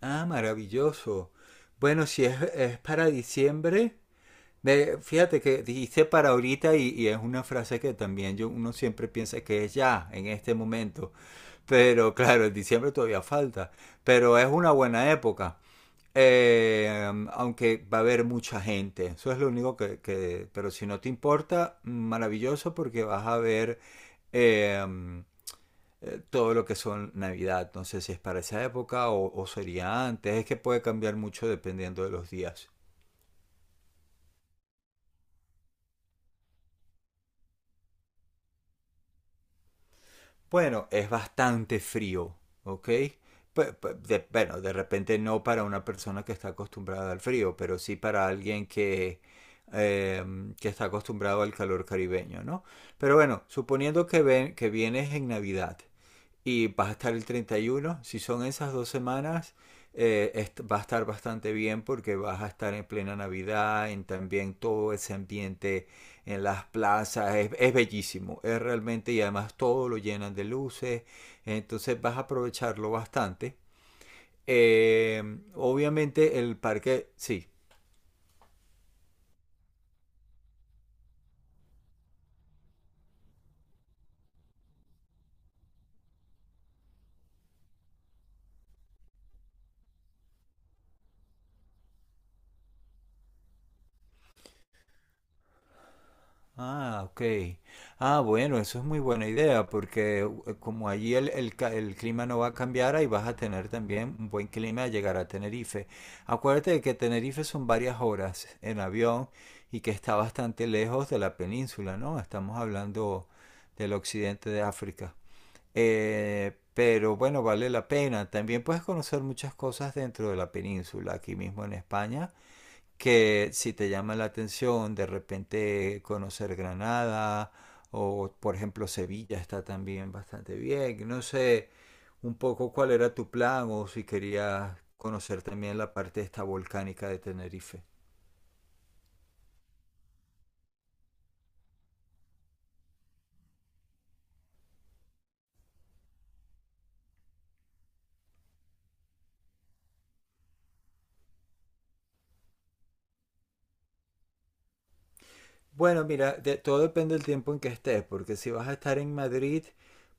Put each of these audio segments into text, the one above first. Ah, maravilloso. Bueno, si es para diciembre, fíjate que dijiste para ahorita y es una frase que también uno siempre piensa que es ya, en este momento. Pero claro, en diciembre todavía falta. Pero es una buena época. Eh, Aunque va a haber mucha gente. Eso es lo único pero si no te importa, maravilloso porque vas a ver eh, todo lo que son Navidad. No sé si es para esa época o sería antes. Es que puede cambiar mucho dependiendo de los días. Bueno, es bastante frío, ¿ok? Bueno, de repente no para una persona que está acostumbrada al frío, pero sí para alguien que está acostumbrado al calor caribeño, ¿no? Pero bueno, suponiendo que, ven, que vienes en Navidad, y vas a estar el 31. Si son esas 2 semanas, eh, va a estar bastante bien porque vas a estar en plena Navidad, en también todo ese ambiente en las plazas. Es bellísimo, es realmente, y además todo lo llenan de luces. Entonces vas a aprovecharlo bastante. Eh, Obviamente el parque, sí. Ah, ok. Ah, bueno, eso es muy buena idea porque como allí el clima no va a cambiar, ahí vas a tener también un buen clima al llegar a Tenerife. Acuérdate de que Tenerife son varias horas en avión y que está bastante lejos de la península, ¿no? Estamos hablando del occidente de África. Pero bueno, vale la pena. También puedes conocer muchas cosas dentro de la península, aquí mismo en España, que si te llama la atención de repente conocer Granada o por ejemplo Sevilla está también bastante bien. No sé un poco cuál era tu plan o si querías conocer también la parte esta volcánica de Tenerife. Bueno, mira, todo depende del tiempo en que estés, porque si vas a estar en Madrid,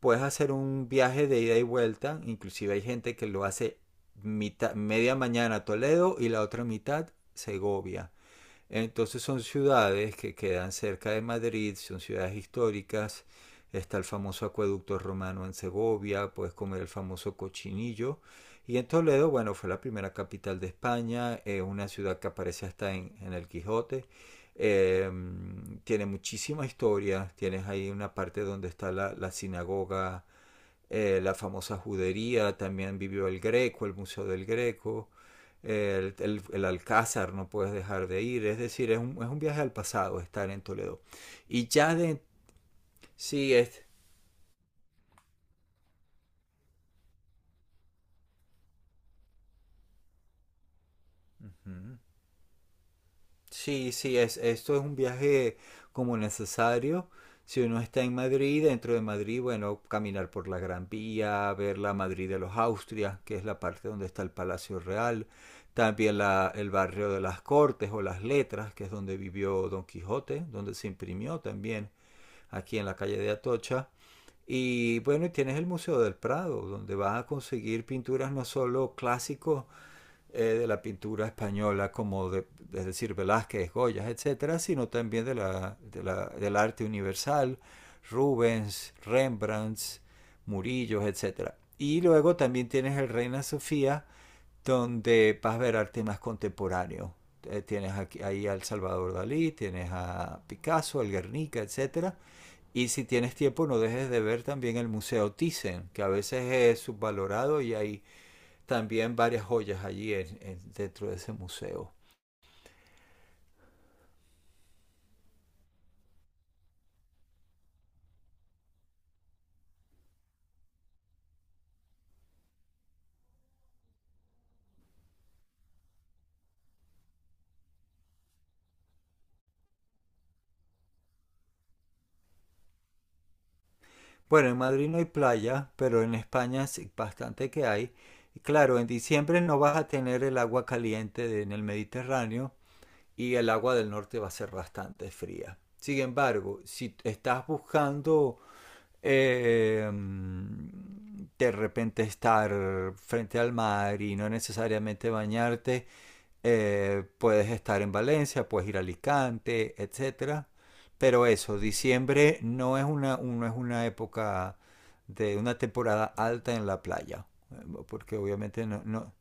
puedes hacer un viaje de ida y vuelta. Inclusive hay gente que lo hace mitad, media mañana a Toledo y la otra mitad Segovia. Entonces son ciudades que quedan cerca de Madrid, son ciudades históricas. Está el famoso acueducto romano en Segovia, puedes comer el famoso cochinillo. Y en Toledo, bueno, fue la primera capital de España, es una ciudad que aparece hasta en, el Quijote. Eh, Tiene muchísima historia, tienes ahí una parte donde está la sinagoga, la famosa judería, también vivió el Greco, el Museo del Greco, el Alcázar, no puedes dejar de ir, es decir, es un viaje al pasado estar en Toledo. Y ya de, sí. Mm. Sí, sí, esto es un viaje como necesario. Si uno está en Madrid, dentro de Madrid, bueno, caminar por la Gran Vía, ver la Madrid de los Austrias, que es la parte donde está el Palacio Real, también el barrio de las Cortes o las Letras, que es donde vivió Don Quijote, donde se imprimió también aquí en la calle de Atocha. Y bueno, y tienes el Museo del Prado, donde vas a conseguir pinturas no solo clásicos, de la pintura española, es decir, Velázquez, Goya, etcétera, sino también del arte universal, Rubens, Rembrandt, Murillo, etcétera. Y luego también tienes el Reina Sofía, donde vas a ver arte más contemporáneo. Tienes aquí, ahí al Salvador Dalí, tienes a Picasso, al Guernica, etcétera. Y si tienes tiempo, no dejes de ver también el Museo Thyssen, que a veces es subvalorado y hay también varias joyas allí dentro de ese museo. Bueno, en Madrid no hay playa, pero en España sí bastante que hay. Y claro, en diciembre no vas a tener el agua caliente en el Mediterráneo y el agua del norte va a ser bastante fría. Sin embargo, si estás buscando de repente estar frente al mar y no necesariamente bañarte, puedes estar en Valencia, puedes ir a Alicante, etcétera. Pero eso, diciembre no es una época de una temporada alta en la playa, eh, porque obviamente no, no.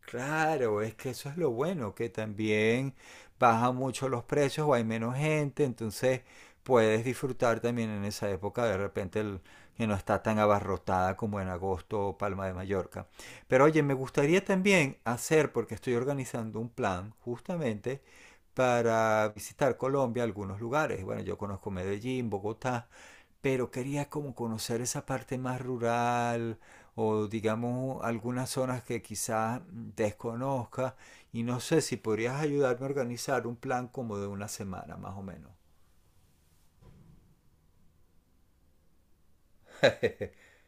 Claro, es que eso es lo bueno, que también bajan mucho los precios o hay menos gente, entonces puedes disfrutar también en esa época de repente que no está tan abarrotada como en agosto o Palma de Mallorca. Pero oye, me gustaría también hacer, porque estoy organizando un plan justamente para visitar Colombia, algunos lugares. Bueno, yo conozco Medellín, Bogotá, pero quería como conocer esa parte más rural o digamos algunas zonas que quizás desconozca y no sé si podrías ayudarme a organizar un plan como de una semana más o menos.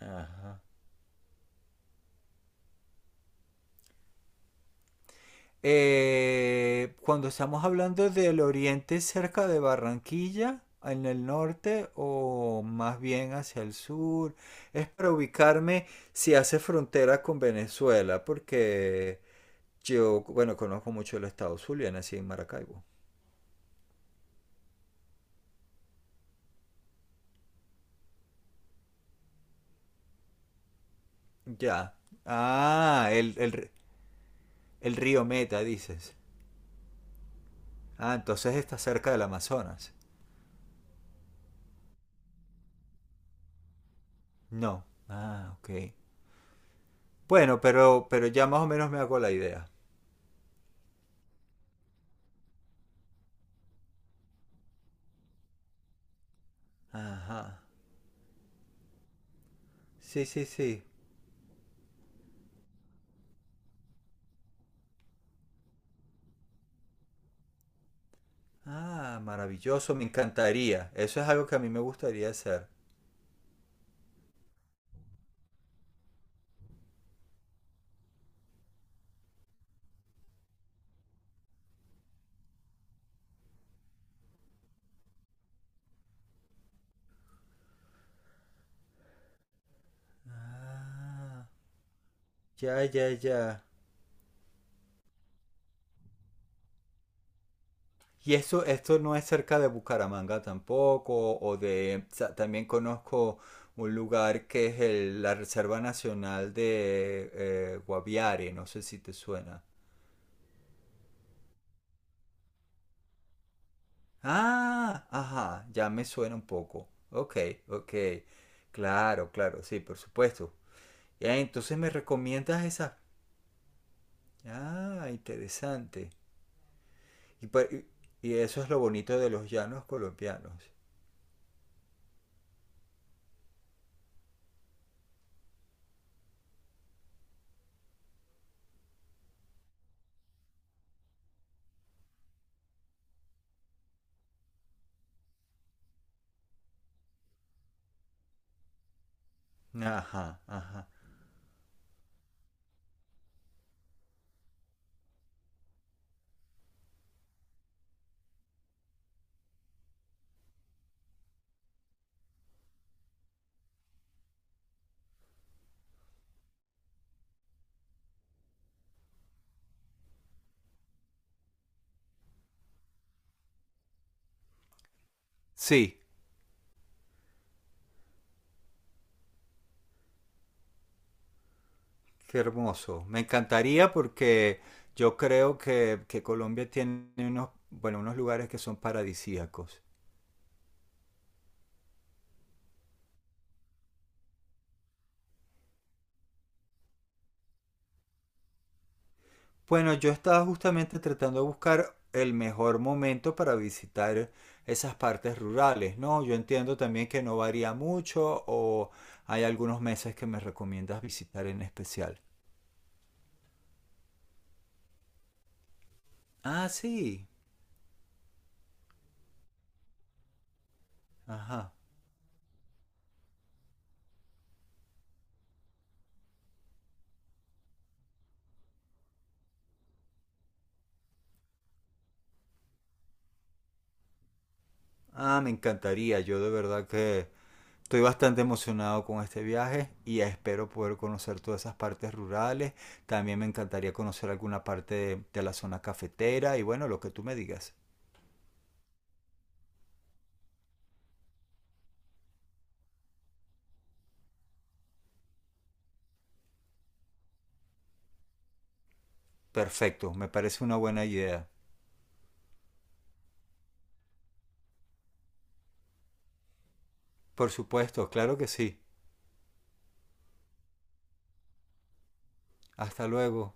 Ajá. Cuando estamos hablando del oriente cerca de Barranquilla, en el norte o más bien hacia el sur, es para ubicarme si hace frontera con Venezuela, porque yo, bueno, conozco mucho el estado Zulia, nací en Maracaibo. Ya. Ah, el río Meta, dices. Ah, entonces está cerca del Amazonas. No. Ah, ok. Bueno, pero ya más o menos me hago la idea. Ajá. Sí, sí, sí. Ah, maravilloso, me encantaría. Eso es algo que a mí me gustaría hacer. Ah, ya, ya, ya. Y eso, esto no es cerca de Bucaramanga tampoco, o de, o sea, también conozco un lugar que es la Reserva Nacional de Guaviare, no sé si te suena. Ah, ajá, ya me suena un poco. Ok, ok, claro, claro, sí, por supuesto. Ya, entonces me recomiendas esa. Ah, interesante. Y, pa- y y eso es lo bonito de los llanos colombianos. Ajá, ajá. Sí. Qué hermoso. Me encantaría porque yo creo que Colombia tiene unos, bueno, unos lugares que son paradisíacos. Bueno, yo estaba justamente tratando de buscar el mejor momento para visitar esas partes rurales, ¿no? Yo entiendo también que no varía mucho o hay algunos meses que me recomiendas visitar en especial. Ah, sí. Ajá. Ah, me encantaría. Yo de verdad que estoy bastante emocionado con este viaje y espero poder conocer todas esas partes rurales. También me encantaría conocer alguna parte de la zona cafetera y bueno, lo que tú me digas. Perfecto, me parece una buena idea. Por supuesto, claro que sí. Hasta luego.